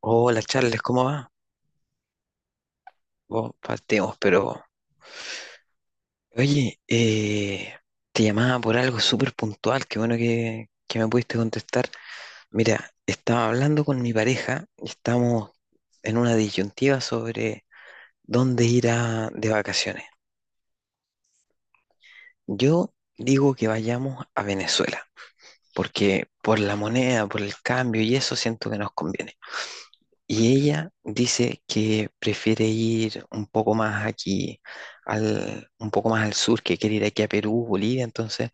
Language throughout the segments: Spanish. Hola Charles, ¿cómo va? Oh, partimos, pero oye, te llamaba por algo súper puntual, qué bueno que me pudiste contestar. Mira, estaba hablando con mi pareja, y estamos en una disyuntiva sobre dónde de vacaciones. Yo digo que vayamos a Venezuela, porque por la moneda, por el cambio y eso siento que nos conviene. Y ella dice que prefiere ir un poco más aquí, un poco más al sur, que quiere ir aquí a Perú, Bolivia. Entonces,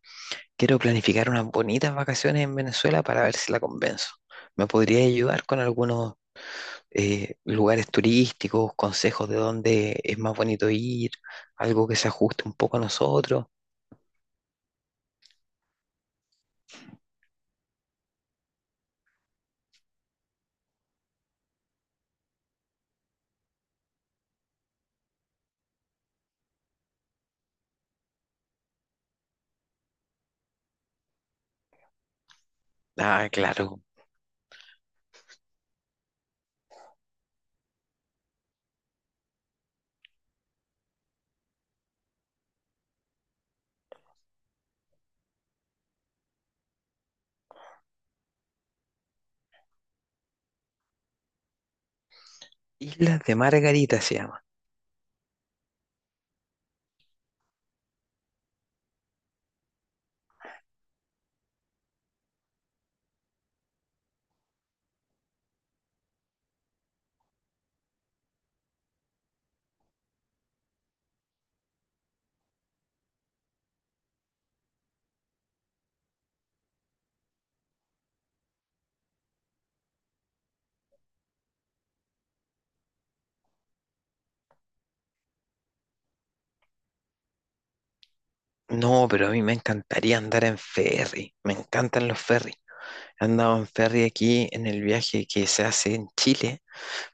quiero planificar unas bonitas vacaciones en Venezuela para ver si la convenzo. ¿Me podría ayudar con algunos lugares turísticos, consejos de dónde es más bonito ir, algo que se ajuste un poco a nosotros? Ah, claro. Islas de Margarita se llama. No, pero a mí me encantaría andar en ferry. Me encantan los ferries. Andaban ferry aquí en el viaje que se hace en Chile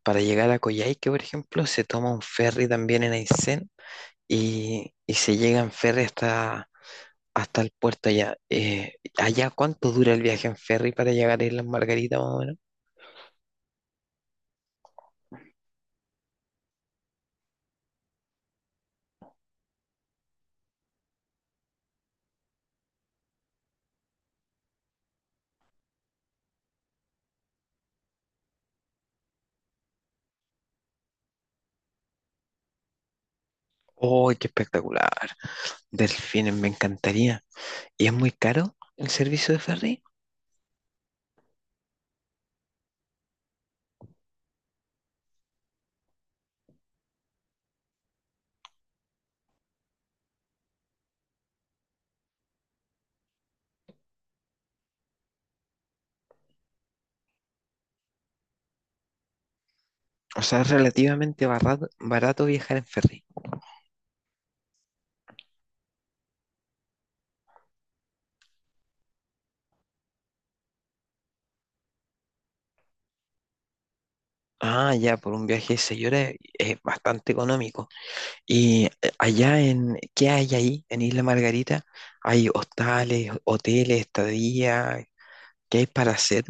para llegar a Coyhaique, por ejemplo, se toma un ferry también en Aysén y se llega en ferry hasta el puerto allá. ¿Allá cuánto dura el viaje en ferry para llegar a Islas Margarita, más o menos? ¡Oh, qué espectacular! Delfines, me encantaría. ¿Y es muy caro el servicio de ferry? O sea, es relativamente barato, barato viajar en ferry. Ah, ya, por un viaje de 6 horas es bastante económico. Y ¿qué hay ahí en Isla Margarita? ¿Hay hostales, hoteles, estadía? ¿Qué hay para hacer?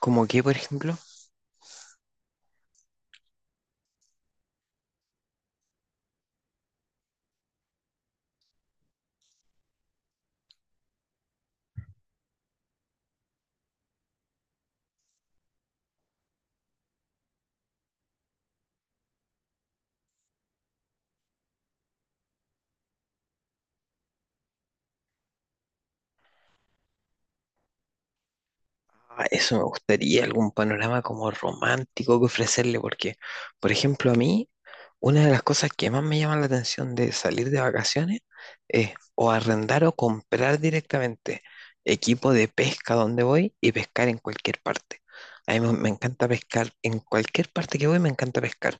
¿Como qué, por ejemplo? Ah, eso me gustaría, algún panorama como romántico que ofrecerle, porque, por ejemplo, a mí, una de las cosas que más me llama la atención de salir de vacaciones es o arrendar o comprar directamente equipo de pesca donde voy y pescar en cualquier parte. A mí me encanta pescar, en cualquier parte que voy me encanta pescar.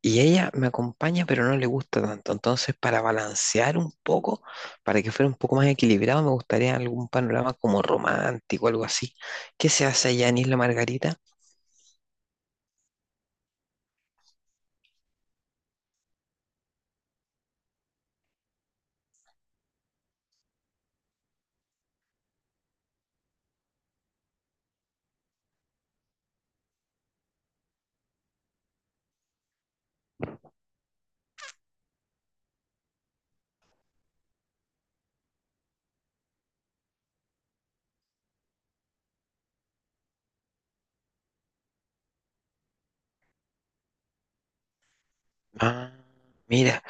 Y ella me acompaña, pero no le gusta tanto. Entonces, para balancear un poco, para que fuera un poco más equilibrado, me gustaría algún panorama como romántico, algo así. ¿Qué se hace allá en Isla Margarita? Ah, mira,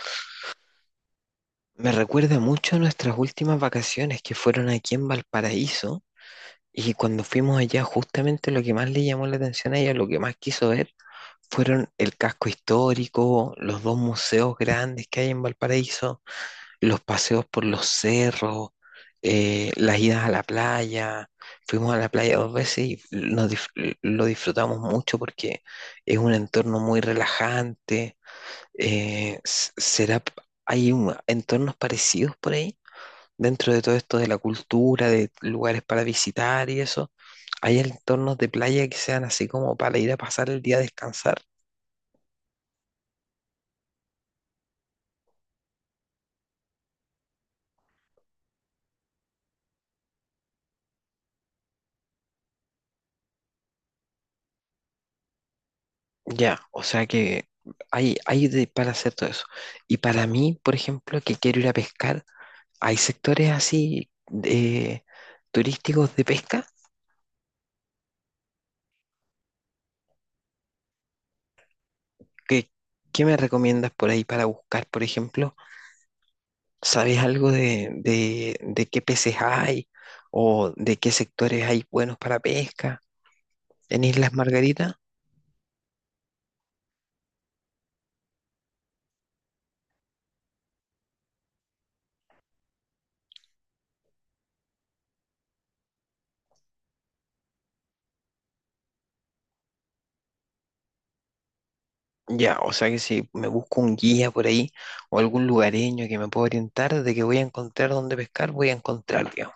me recuerda mucho a nuestras últimas vacaciones que fueron aquí en Valparaíso y cuando fuimos allá justamente lo que más le llamó la atención a ella, lo que más quiso ver, fueron el casco histórico, los dos museos grandes que hay en Valparaíso, los paseos por los cerros, las idas a la playa. Fuimos a la playa dos veces y lo disfrutamos mucho porque es un entorno muy relajante. Eh, s- ¿será, p- ¿hay entornos parecidos por ahí? Dentro de todo esto de la cultura, de lugares para visitar y eso, ¿hay entornos de playa que sean así como para ir a pasar el día a descansar? Ya, o sea que para hacer todo eso. Y para mí, por ejemplo, que quiero ir a pescar, ¿hay sectores turísticos de pesca? ¿Qué, ¿qué me recomiendas por ahí para buscar, por ejemplo? ¿Sabes algo de qué peces hay o de qué sectores hay buenos para pesca en Islas Margarita? Ya, o sea que si me busco un guía por ahí o algún lugareño que me pueda orientar de que voy a encontrar dónde pescar, voy a encontrar, digamos.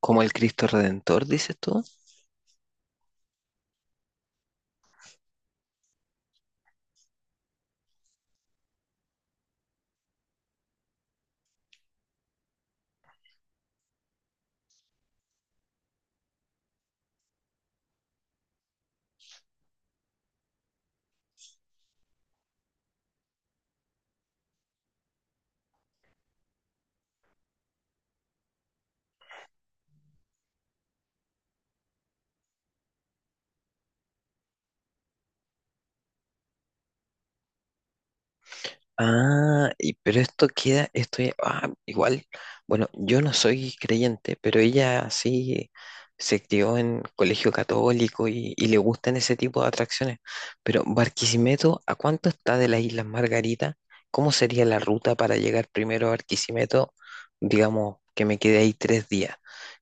Como el Cristo Redentor, dices tú. Ah, y pero esto queda, esto ya- ah, igual, bueno, yo no soy creyente, pero ella sí se crió en colegio católico y le gustan ese tipo de atracciones. Pero Barquisimeto, ¿a cuánto está de las Islas Margarita? ¿Cómo sería la ruta para llegar primero a Barquisimeto? Digamos que me quedé ahí 3 días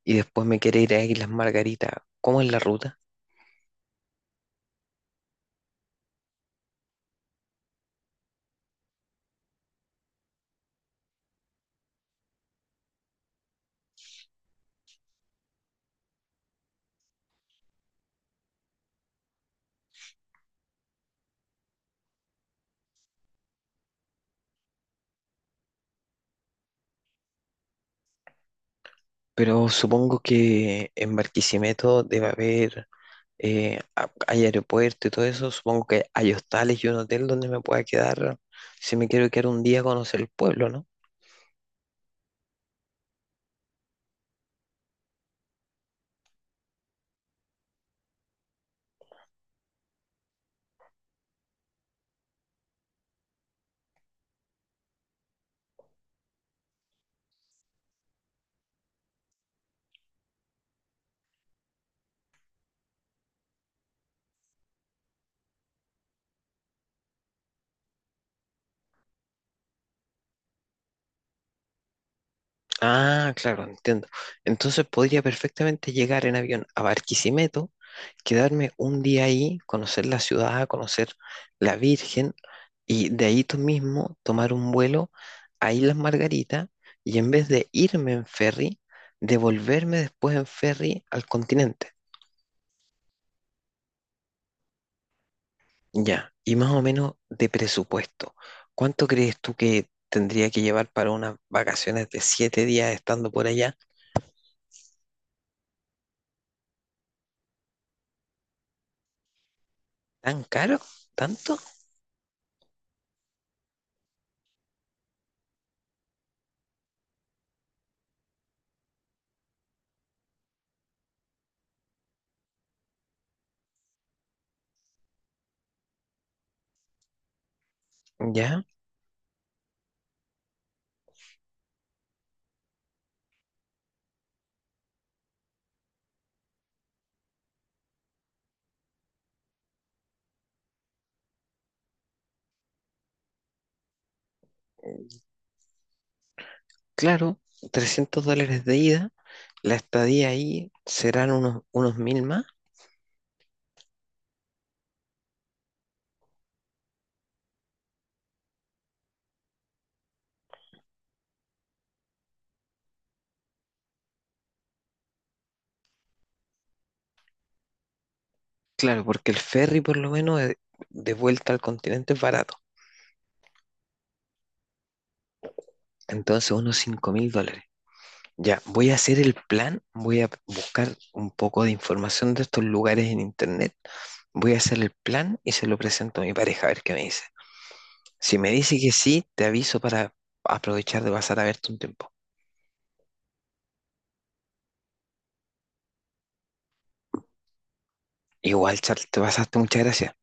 y después me quiere ir a Islas Margarita. ¿Cómo es la ruta? Pero supongo que en Barquisimeto debe haber hay aeropuerto y todo eso, supongo que hay hostales y un hotel donde me pueda quedar si me quiero quedar un día a conocer el pueblo, ¿no? Ah, claro, entiendo. Entonces podría perfectamente llegar en avión a Barquisimeto, quedarme un día ahí, conocer la ciudad, conocer la Virgen y de ahí tú mismo tomar un vuelo a Islas Margarita y en vez de irme en ferry, devolverme después en ferry al continente. Ya, y más o menos de presupuesto, ¿cuánto crees tú que tendría que llevar para unas vacaciones de 7 días estando por allá? ¿Tan caro? ¿Tanto? Ya, eh, claro, $300 de ida, la estadía ahí serán unos 1.000 más, claro, porque el ferry por lo menos vuelta al continente es barato, entonces unos $5.000. Ya, voy a hacer el plan, voy a buscar un poco de información de estos lugares en internet, voy a hacer el plan y se lo presento a mi pareja a ver qué me dice. Si me dice que sí, te aviso para aprovechar de pasar a verte un tiempo. Igual, Charles, te pasaste, muchas gracias.